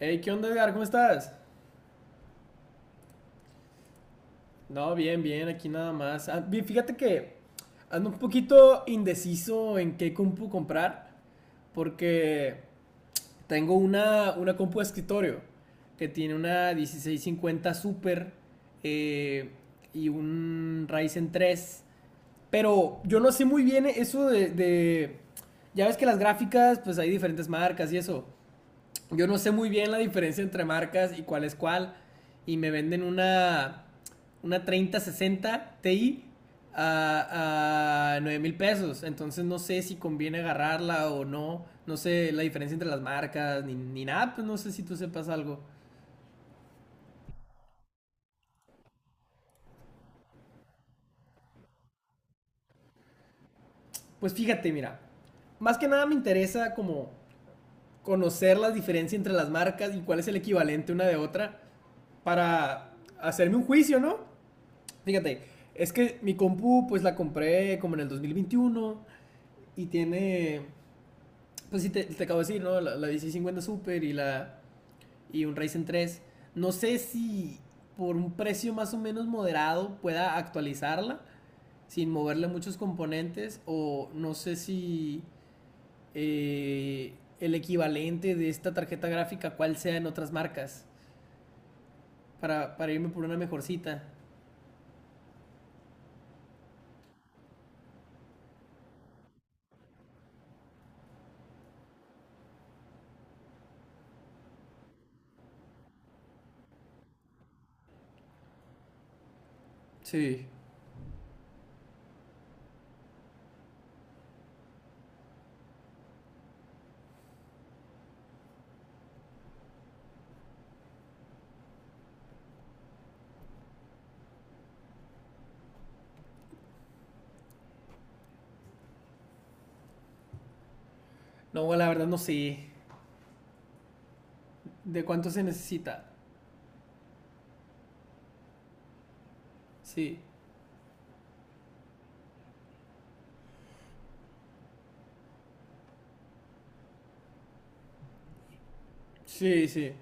Hey, ¿qué onda, Edgar? ¿Cómo estás? No, bien, bien, aquí nada más. Fíjate que ando un poquito indeciso en qué compu comprar, porque tengo una compu de escritorio que tiene una 1650 Super eh, y un Ryzen tres. Pero yo no sé muy bien eso de. Ya ves que las gráficas, pues hay diferentes marcas y eso. Yo no sé muy bien la diferencia entre marcas y cuál es cuál. Y me venden una 3060 Ti a 9 mil pesos. Entonces no sé si conviene agarrarla o no. No sé la diferencia entre las marcas ni nada. Pues no sé si tú sepas algo. Pues fíjate, mira. Más que nada me interesa como conocer la diferencia entre las marcas y cuál es el equivalente una de otra para hacerme un juicio, ¿no? Fíjate, es que mi compu, pues la compré como en el 2021 y tiene, pues sí, te acabo de decir, ¿no? La 1650 Super y, la, y un Ryzen tres. No sé si por un precio más o menos moderado pueda actualizarla sin moverle muchos componentes o no sé si el equivalente de esta tarjeta gráfica cuál sea en otras marcas para irme por una mejorcita. Sí. No, la verdad no sé de cuánto se necesita. Sí, sí, sí.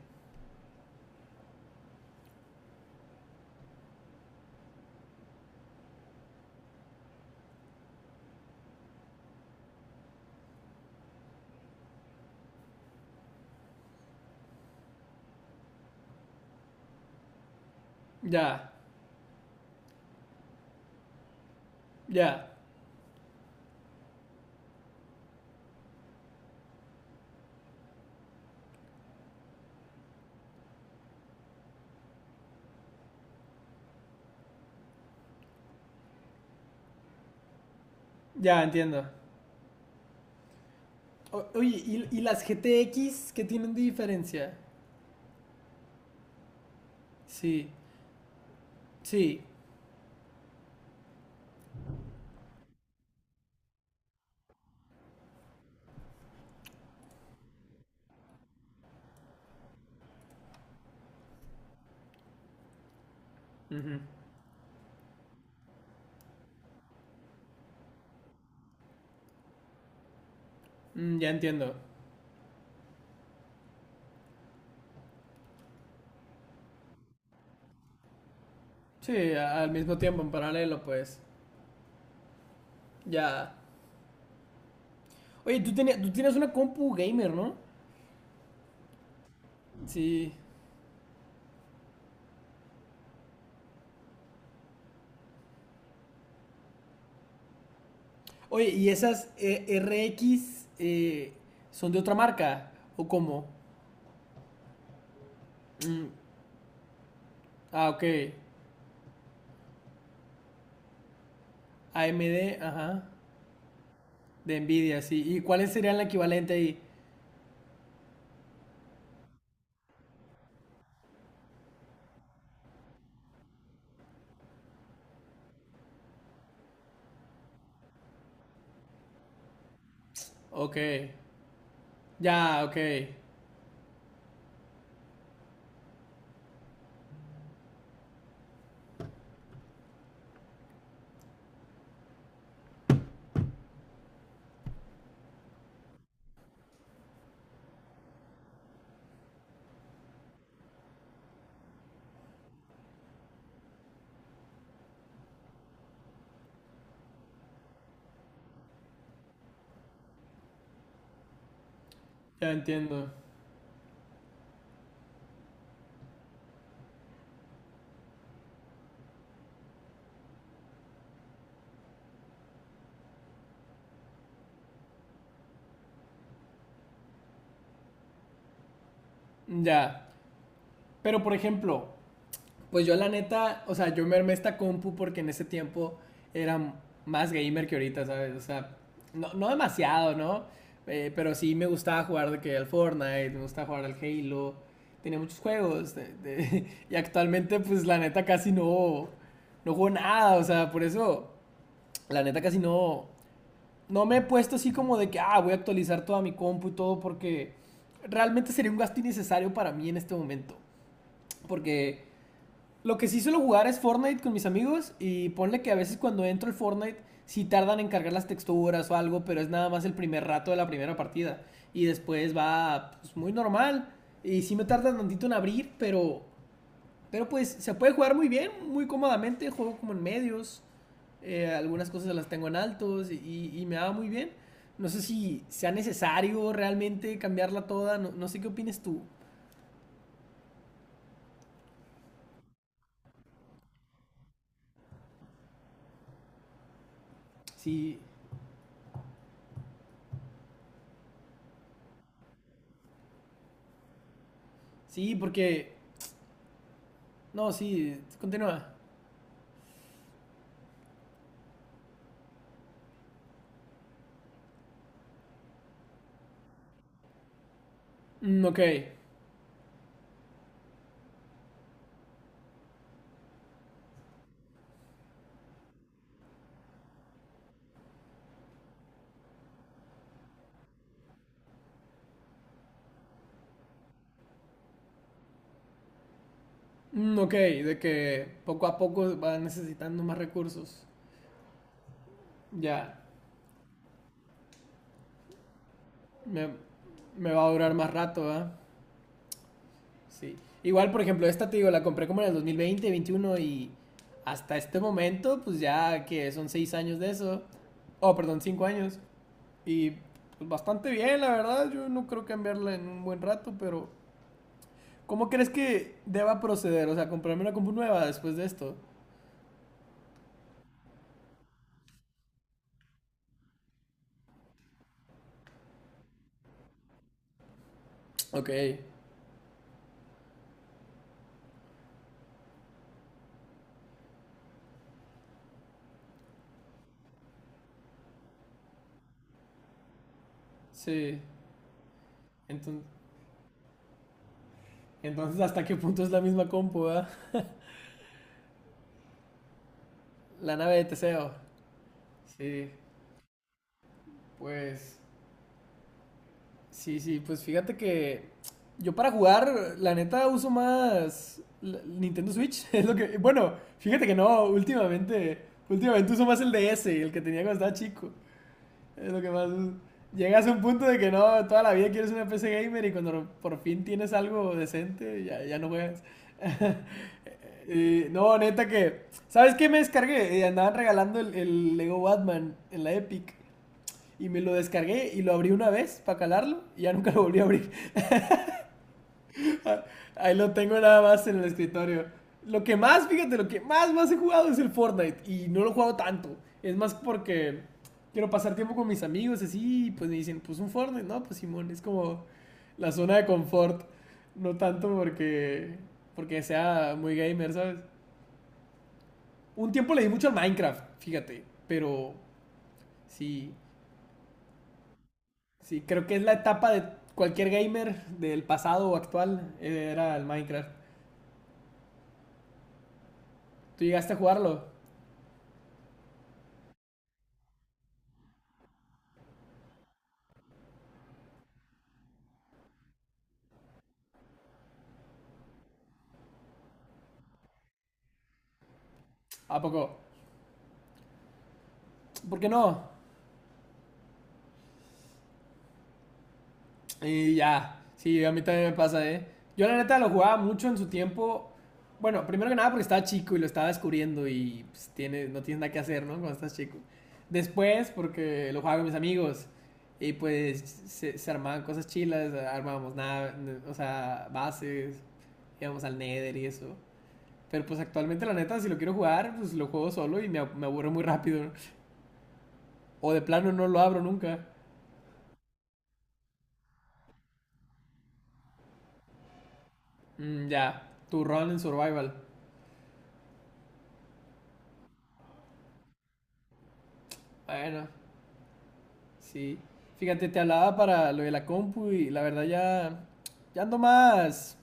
Ya, ya, ya entiendo. Oye, ¿y las GTX qué tienen de diferencia? Sí, sí. Ujú, mm, ya entiendo. Sí, al mismo tiempo, en paralelo, pues. Ya. Oye, tú, tú tienes una compu gamer, ¿no? Sí. Oye, ¿y esas RX son de otra marca? ¿O cómo? Mm, ah, ok. AMD, ajá. De Nvidia, sí. ¿Y cuál sería el equivalente ahí? Ok, ya, ok, ya entiendo. Ya, pero por ejemplo, pues yo la neta, o sea, yo me armé esta compu porque en ese tiempo era más gamer que ahorita, ¿sabes? O sea, no, no demasiado, ¿no? Pero sí me gustaba jugar de que al Fortnite, me gustaba jugar al Halo, tenía muchos juegos y actualmente pues la neta casi no, no juego nada, o sea, por eso la neta casi no, no me he puesto así como de que, ah, voy a actualizar toda mi compu y todo porque realmente sería un gasto innecesario para mí en este momento. Porque lo que sí suelo jugar es Fortnite con mis amigos y ponle que a veces cuando entro el Fortnite sí tardan en cargar las texturas o algo, pero es nada más el primer rato de la primera partida. Y después va pues, muy normal. Y sí me tarda tantito en abrir, pero pues se puede jugar muy bien, muy cómodamente. Juego como en medios. Algunas cosas las tengo en altos y, me va muy bien. No sé si sea necesario realmente cambiarla toda. No, no sé qué opines tú. Sí, sí, porque... No, sí, continúa. Mm, ok. Mm, ok, de que poco a poco va necesitando más recursos. Ya. Me, me va a durar más rato, ¿verdad? Sí. Igual, por ejemplo, esta te digo, la compré como en el dos mil veinte, veintiuno y hasta este momento, pues ya que son 6 años de eso. Oh, perdón, 5 años. Y pues bastante bien, la verdad. Yo no creo cambiarla en un buen rato, pero ¿cómo crees que deba proceder? O sea, comprarme una compu nueva después de esto. Ok, sí. Enton- Entonces, ¿hasta qué punto es la misma compu, ah? La nave de Teseo. Sí, pues sí, sí, pues fíjate que yo para jugar, la neta, uso más Nintendo Switch. Es lo que, bueno, fíjate que no, últimamente, últimamente uso más el DS, el que tenía cuando estaba chico. Es lo que más uso. Llegas a un punto de que no, toda la vida quieres una PC gamer y cuando por fin tienes algo decente, ya, ya no juegas. No, neta que, ¿sabes qué me descargué? Andaban regalando el Lego Batman en la Epic. Y me lo descargué y lo abrí una vez para calarlo y ya nunca lo volví a abrir. Ahí lo tengo nada más en el escritorio. Lo que más, fíjate, lo que más más he jugado es el Fortnite y no lo he jugado tanto. Es más porque quiero pasar tiempo con mis amigos así y pues me dicen, pues un Fortnite, no, pues Simón, es como la zona de confort. No tanto porque sea muy gamer, ¿sabes? Un tiempo le di mucho al Minecraft, fíjate, pero sí, sí, creo que es la etapa de cualquier gamer del pasado o actual, era el Minecraft. ¿Tú llegaste a jugarlo? ¿A poco? ¿Por qué no? Y ya, sí, a mí también me pasa, ¿eh? Yo la neta lo jugaba mucho en su tiempo. Bueno, primero que nada porque estaba chico y lo estaba descubriendo y pues, tiene, no tienes nada que hacer, ¿no? Cuando estás chico. Después porque lo jugaba con mis amigos y pues se armaban cosas chilas, armábamos nada, o sea, bases, íbamos al Nether y eso. Pero pues actualmente, la neta, si lo quiero jugar, pues lo juego solo y me aburro muy rápido. ¿No? O de plano no lo abro nunca. Mm, ya, tu rol en Survival. Bueno, sí. Fíjate, te hablaba para lo de la compu y la verdad ya, ya ando más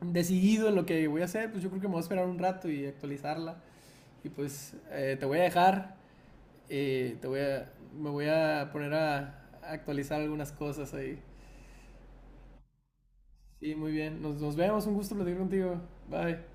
decidido en lo que voy a hacer. Pues yo creo que me voy a esperar un rato y actualizarla. Y pues te voy a dejar. Me voy a poner a actualizar algunas cosas ahí. Sí, muy bien. Nos vemos. Un gusto platicar contigo. Bye.